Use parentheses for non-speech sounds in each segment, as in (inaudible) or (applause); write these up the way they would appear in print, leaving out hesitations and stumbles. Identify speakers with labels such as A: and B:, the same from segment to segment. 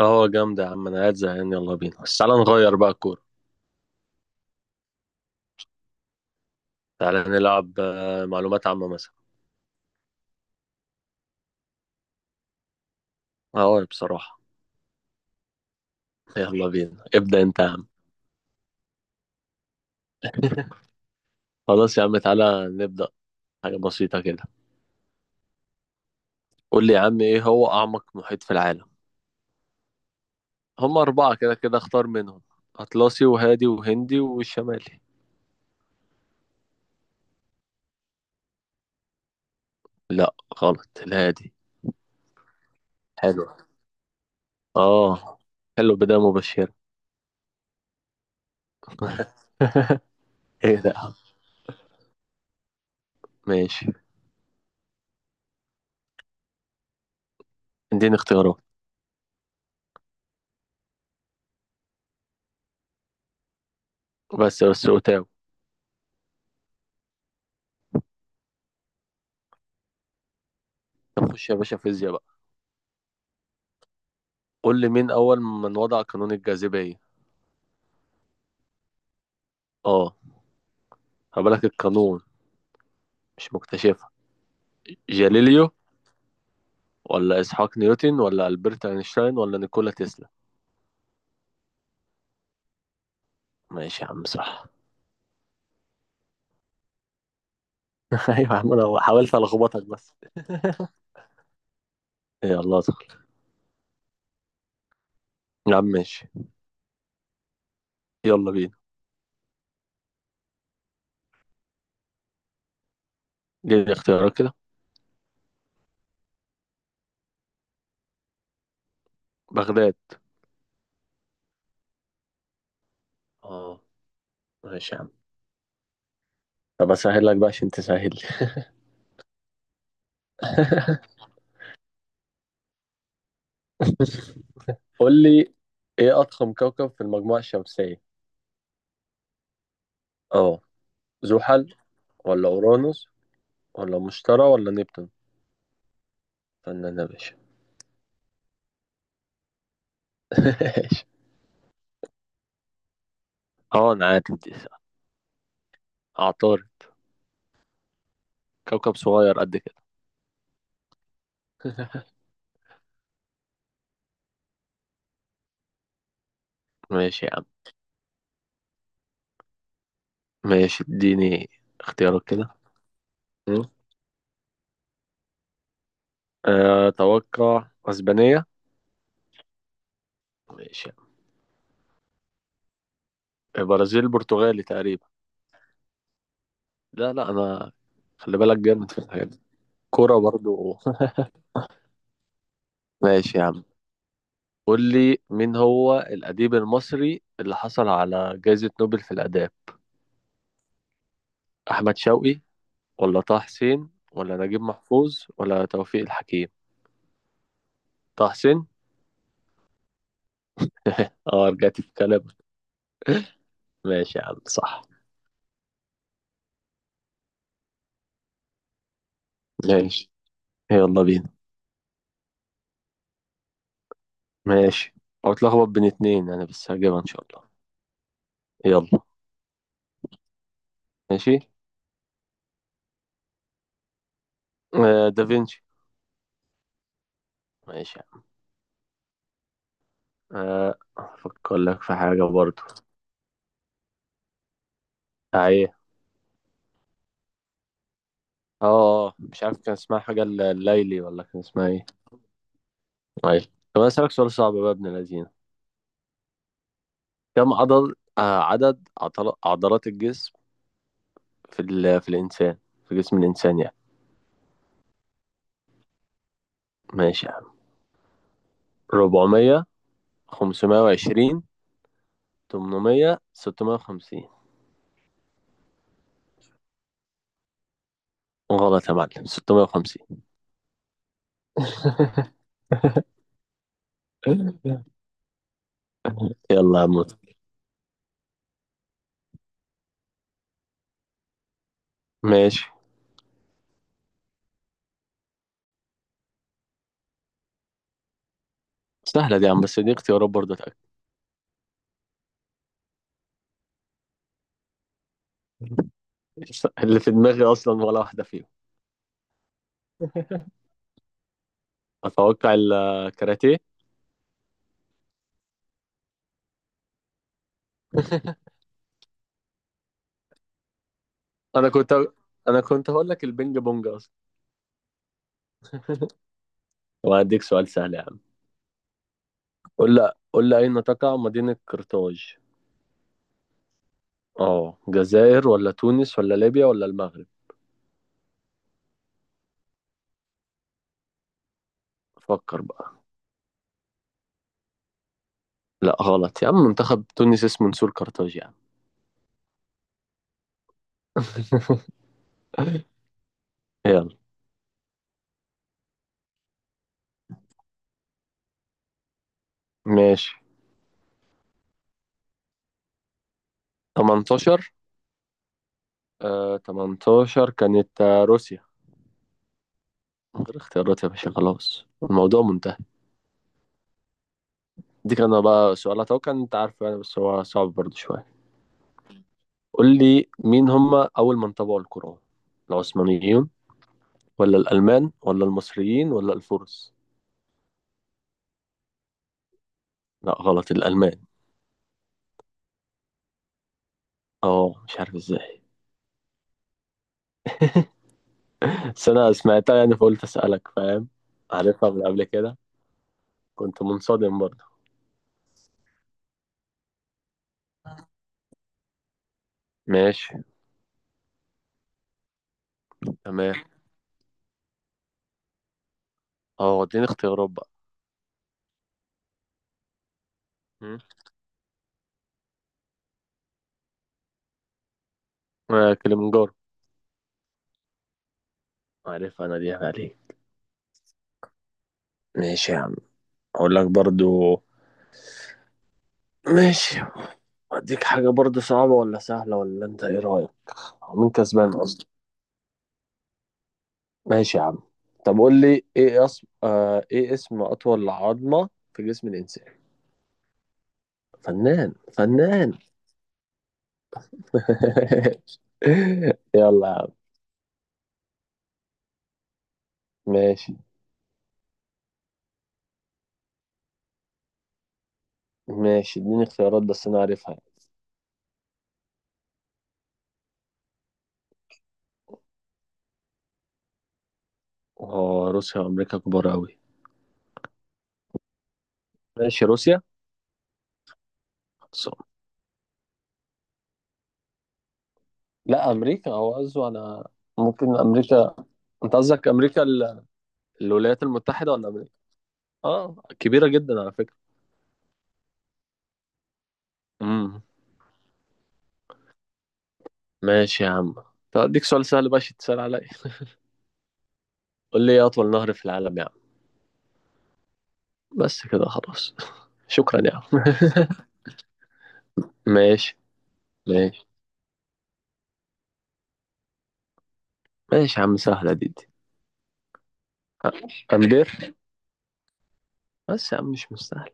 A: اه جامدة يا عم، انا قاعد زهقان. يلا بينا، بس تعالى نغير بقى الكورة. تعالى نلعب معلومات عامة مثلا. اه بصراحة. يلا بينا، ابدأ انت يا عم. (laughs) خلاص يا عم، تعالى نبدأ. حاجة بسيطة كده. قول لي يا عم، ايه هو أعمق محيط في العالم؟ هم أربعة كده كده، اختار منهم: أطلسي وهادي وهندي والشمالي. لا، غلط، الهادي. حلو. اه، حلو، بداية مبشرة. (laughs) ايه ده يا عم؟ ماشي، اديني اختيارات. بس بس، وتاو. طب خش يا باشا فيزياء بقى. قول لي مين أول من وضع قانون الجاذبية؟ اه، هبالك القانون، مش مكتشفها. جاليليو، ولا إسحاق نيوتن، ولا ألبرت أينشتاين، ولا نيكولا تسلا؟ ماشي يا عم، صح. (laughs) أيوة يا عم، أنا حاولت ألخبطك بس. (laughs) يلا ادخل يا عم. ماشي، يلا بينا. دي الاختيارات كده. بغداد. اه، ماشي يا عم. طب اسهل لك بقى عشان تسهل لي. (laughs) قول لي، ايه اضخم كوكب في المجموعة الشمسية؟ اه، زحل ولا اورانوس ولا مشتري ولا نبتون؟ فنان يا باشا. (laughs) ماشي. اه، انا عارف دي. عطار. كوكب صغير قد كده. (laughs) ماشي يا عم. ماشي، اديني اختيارات كده. م? اتوقع اسبانية. ماشي يا عم. البرازيل برتغالي تقريبا. لا، انا خلي بالك جامد في الحاجات دي. كورة برضو. (laughs) ماشي يا عم. قول لي مين هو الأديب المصري اللي حصل على جائزة نوبل في الآداب؟ أحمد شوقي، ولا طه حسين، ولا نجيب محفوظ، ولا توفيق الحكيم؟ طه حسين. اه، رجعت الكلب. ماشي يا عم، صح. ماشي، يلا بينا. ماشي، او اتلخبط بين اتنين انا، بس هجيبها ان شاء الله. يلا. ماشي، دافنشي. ماشي يا عم. افكر لك في حاجة برضو. ايه؟ اه، مش عارف كان اسمها حاجة الليلي، ولا كان اسمها ايه. ايوه، طب انا اسألك سؤال صعب بقى يا ابن الذين. كم عضل، عدد عضلات الجسم في الانسان، في جسم الانسان يعني. ماشي يا عم: 400، 520، 800، 650. غلط يا معلم، 650. (laughs) يلا يا عم، متعة. ماشي. سهلة دي يا عم، بس دي اختيارات برضه، اتأكد. اللي في دماغي أصلا ولا واحدة فيهم. أتوقع الكاراتيه. أنا كنت أنا كنت هقول لك البينج بونج أصلا. وهديك سؤال سهل يا عم. قول لي، أين تقع مدينة قرطاج؟ أه، جزائر ولا تونس ولا ليبيا ولا المغرب؟ فكر بقى. لا، غلط يا عم، منتخب تونس اسمه نسور قرطاج يا عم. (laughs) يلا. ماشي. 18. آه، 18 كانت، روسيا. من غير اختيارات يا باشا، خلاص الموضوع منتهي. دي كان بقى سؤال اتوقع ان انت عارفه يعني، بس هو صعب برضه شويه. قول لي، مين هم اول من طبعوا القرآن؟ العثمانيين، ولا الالمان، ولا المصريين، ولا الفرس؟ لا، غلط، الالمان. اه، مش عارف ازاي. بس انا سمعتها يعني فقلت اسالك، فاهم؟ عارفها من قبل كده. كنت منصدم برضه. ماشي. تمام. اه، اديني اختيارات بقى. م? كليمنجارو. عارفها انا، دي عليك. ماشي يا عم. اقول لك برضو. ماشي. اديك حاجة برضو، صعبة ولا سهلة، ولا انت ايه رأيك؟ مين كسبان اصلا؟ ماشي يا عم. طب قول لي، ايه اسم، ايه اسم اطول عظمة في جسم الانسان؟ فنان فنان. (laughs) يلا يا عم. ماشي. ماشي، اديني اختيارات، بس انا عارفها. اه، روسيا وامريكا كبار قوي. ماشي، روسيا. صح. لا، امريكا هو قصده. انا ممكن امريكا. انت قصدك امريكا الولايات المتحدة ولا؟ اه، كبيرة جدا على فكرة. امم ماشي يا عم. طب اديك سؤال سهل بقى عشان تسأل عليا. قول لي، ايه اطول نهر في العالم يا عم؟ بس كده خلاص. (laughs) شكرا يا عم. (laughs) ماشي. ماشي. ماشي يا عم، سهلة دي دي. أمبير. بس يا عم مش مستاهل.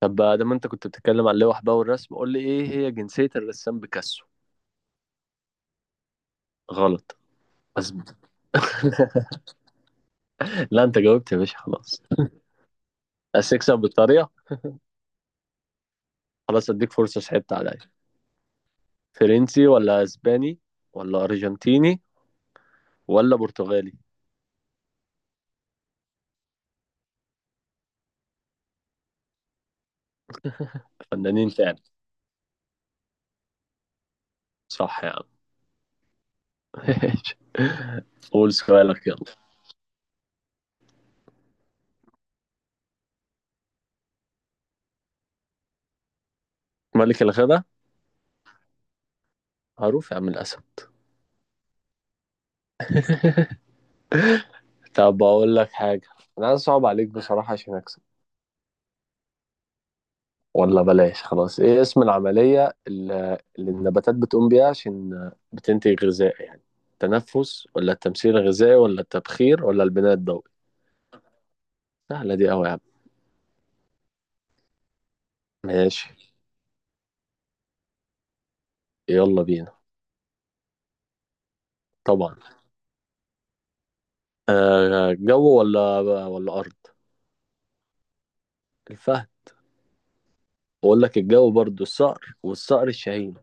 A: طب بقى، دام انت كنت بتتكلم عن اللوح بقى والرسم، قول لي ايه هي جنسية الرسام بيكاسو؟ غلط. بس. (laughs) لا، انت جاوبت يا باشا خلاص. بس اكسب بالطريقة. خلاص، اديك فرصة، صعبت عليا. فرنسي، ولا اسباني، ولا ارجنتيني، ولا برتغالي؟ فنانين فعلا. صح يا عم. (laughs) ماشي. قول سؤالك يلا. ملك الغدا. معروف يا عم، الأسد. طب أقول لك حاجة، أنا عايز أصعب عليك بصراحة عشان أكسب. ولا بلاش، خلاص. إيه اسم العملية اللي النباتات بتقوم بيها عشان بتنتج غذاء يعني؟ التنفس، ولا التمثيل الغذائي، ولا التبخير، ولا البناء الضوئي؟ سهلة دي أوي يا عم. ماشي، يلا بينا. طبعا. آه، جو ولا، ولا أرض؟ الفهد. بقول لك، الجو برضو الصقر، والصقر الشاهين.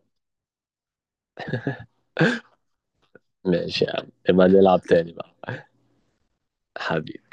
A: ماشي يا عم، نبقى نلعب تاني بقى. حبيبي.